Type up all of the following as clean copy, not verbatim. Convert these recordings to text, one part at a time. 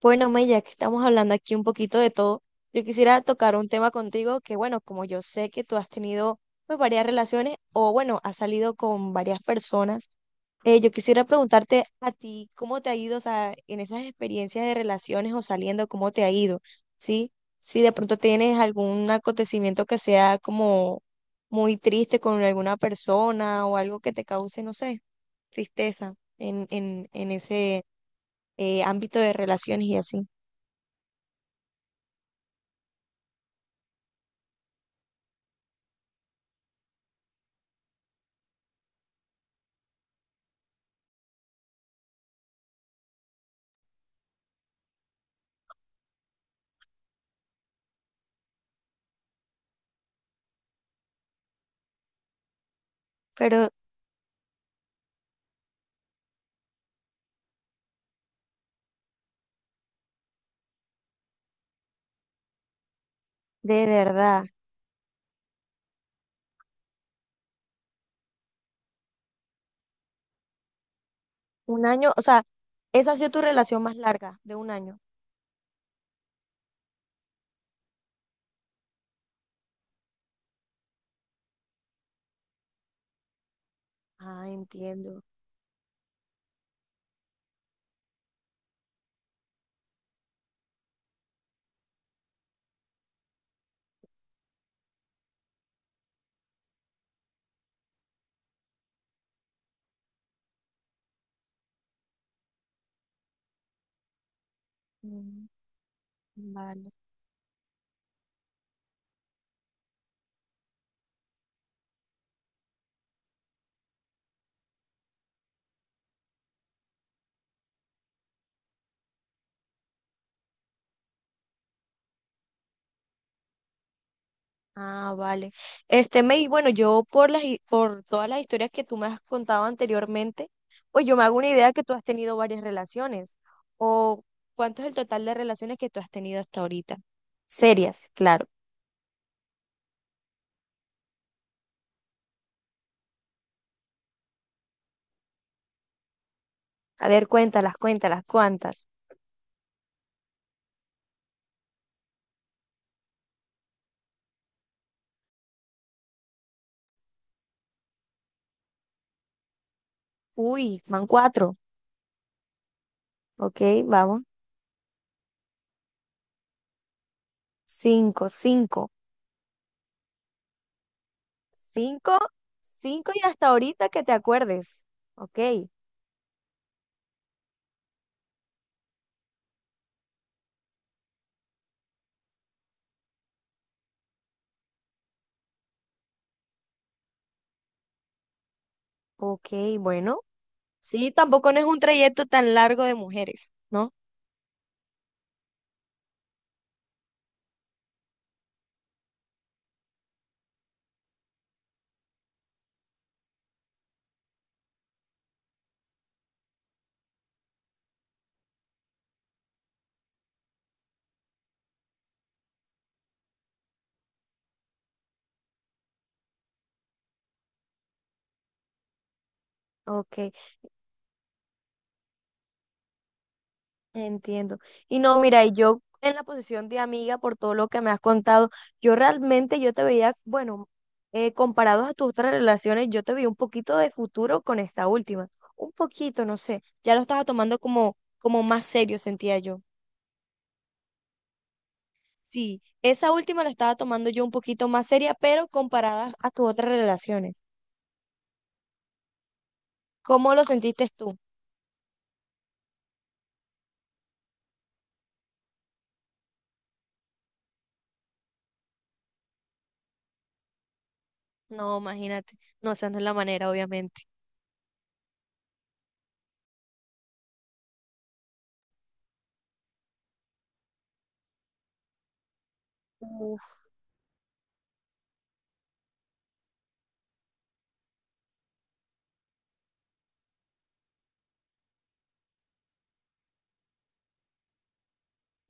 Bueno, May, ya que estamos hablando aquí un poquito de todo, yo quisiera tocar un tema contigo que, bueno, como yo sé que tú has tenido pues, varias relaciones o, bueno, has salido con varias personas, yo quisiera preguntarte a ti cómo te ha ido, o sea, en esas experiencias de relaciones o saliendo, cómo te ha ido, ¿sí? Si de pronto tienes algún acontecimiento que sea como muy triste con alguna persona o algo que te cause, no sé, tristeza en ese ámbito de relaciones y así. Pero de verdad, un año, o sea, esa ha sido tu relación más larga, de un año. Ah, entiendo. Mm, vale. Ah, vale. Este, May, bueno, yo por las, por todas las historias que tú me has contado anteriormente, pues yo me hago una idea que tú has tenido varias relaciones. O cuánto es el total de relaciones que tú has tenido hasta ahorita. Serias, claro. A ver, cuéntalas, cuéntalas, ¿cuántas? Uy, van cuatro. Ok, vamos. Cinco, cinco. Cinco, cinco y hasta ahorita que te acuerdes. Ok, ok, bueno. Sí, tampoco no es un trayecto tan largo de mujeres, ¿no? Ok, entiendo. Y no, mira, y yo en la posición de amiga, por todo lo que me has contado, yo realmente yo te veía, bueno, comparados a tus otras relaciones, yo te veía un poquito de futuro con esta última. Un poquito, no sé. Ya lo estaba tomando como, como más serio, sentía yo. Sí, esa última la estaba tomando yo un poquito más seria, pero comparada a tus otras relaciones. ¿Cómo lo sentiste tú? No, imagínate. No, esa no es la manera, obviamente. Uf,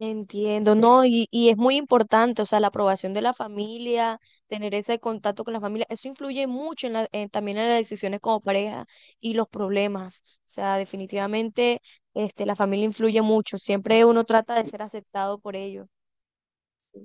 entiendo, no, y es muy importante, o sea, la aprobación de la familia, tener ese contacto con la familia, eso influye mucho en la, también en las decisiones como pareja y los problemas. O sea, definitivamente, este, la familia influye mucho. Siempre uno trata de ser aceptado por ellos. Sí.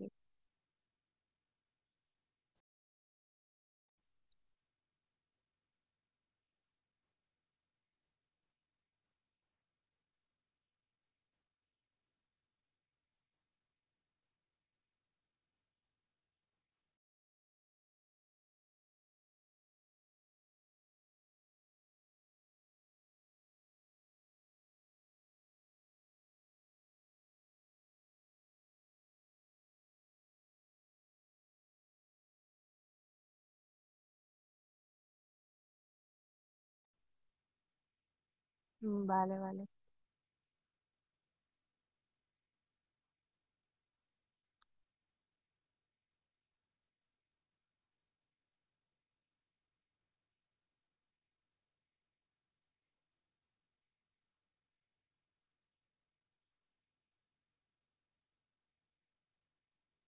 Mm, vale, vale.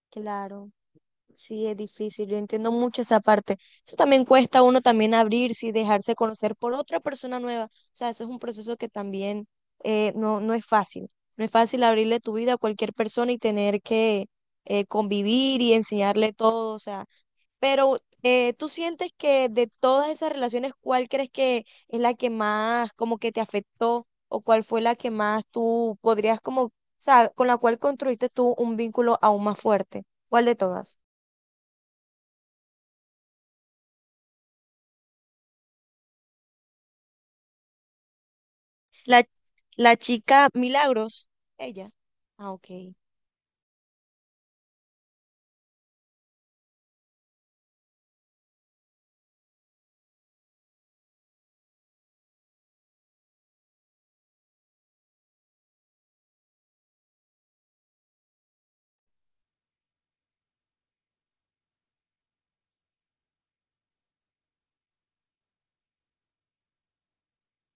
Claro. Sí, es difícil, yo entiendo mucho esa parte. Eso también cuesta a uno también abrirse y dejarse conocer por otra persona nueva. O sea, eso es un proceso que también no, no es fácil. No es fácil abrirle tu vida a cualquier persona y tener que convivir y enseñarle todo. O sea, pero ¿tú sientes que de todas esas relaciones, cuál crees que es la que más como que te afectó o cuál fue la que más tú podrías como, o sea, con la cual construiste tú un vínculo aún más fuerte? ¿Cuál de todas? La, la chica Milagros, ella. Ah, ok,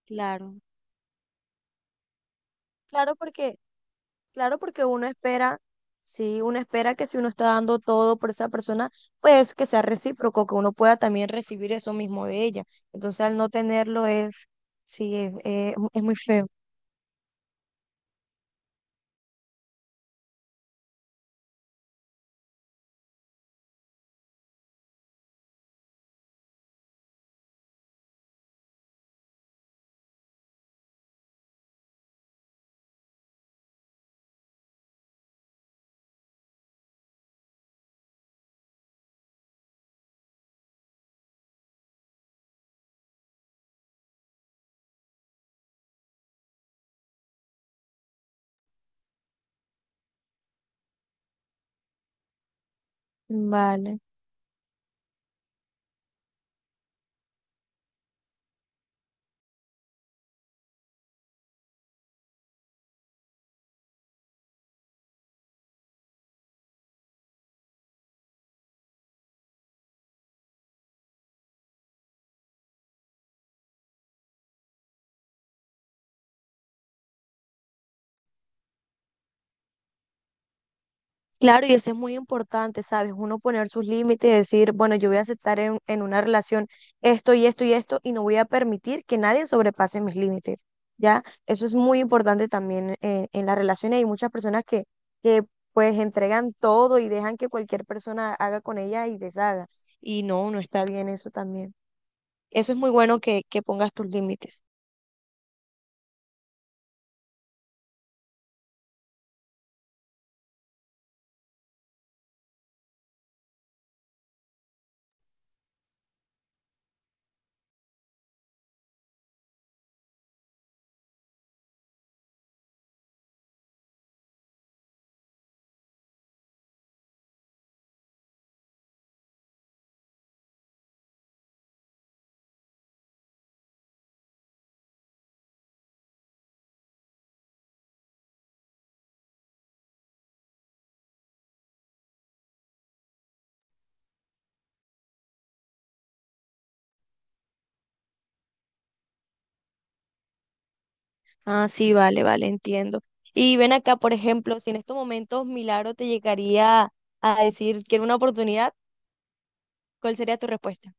claro. Claro porque, claro porque uno espera, sí, uno espera que si uno está dando todo por esa persona, pues que sea recíproco, que uno pueda también recibir eso mismo de ella. Entonces al no tenerlo es, sí, es muy feo. Vale. Claro, y eso es muy importante, ¿sabes? Uno poner sus límites y decir, bueno, yo voy a aceptar en una relación esto y esto y esto y no voy a permitir que nadie sobrepase mis límites, ¿ya? Eso es muy importante también en las relaciones. Hay muchas personas que pues entregan todo y dejan que cualquier persona haga con ella y deshaga. Y no, no está bien eso también. Eso es muy bueno que pongas tus límites. Ah, sí, vale, vale, entiendo. Y ven acá, por ejemplo, si en estos momentos Milagro te llegaría a decir que era una oportunidad, ¿cuál sería tu respuesta?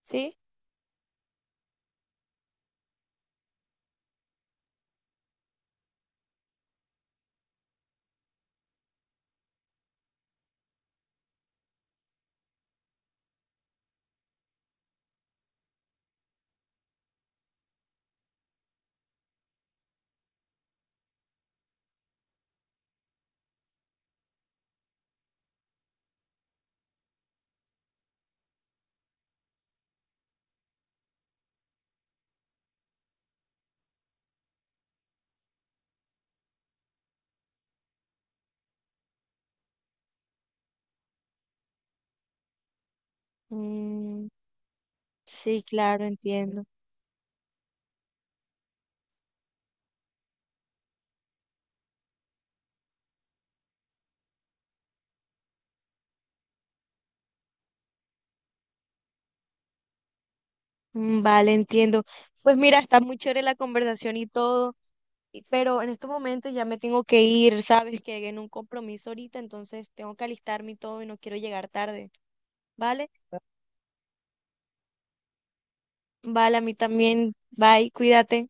¿Sí? Mm, sí, claro, entiendo. Mm, vale, entiendo. Pues mira, está muy chévere la conversación y todo, y- pero en estos momentos ya me tengo que ir, sabes que en un compromiso ahorita, entonces tengo que alistarme y todo y no quiero llegar tarde, ¿vale? Vale, a mí también. Bye, cuídate.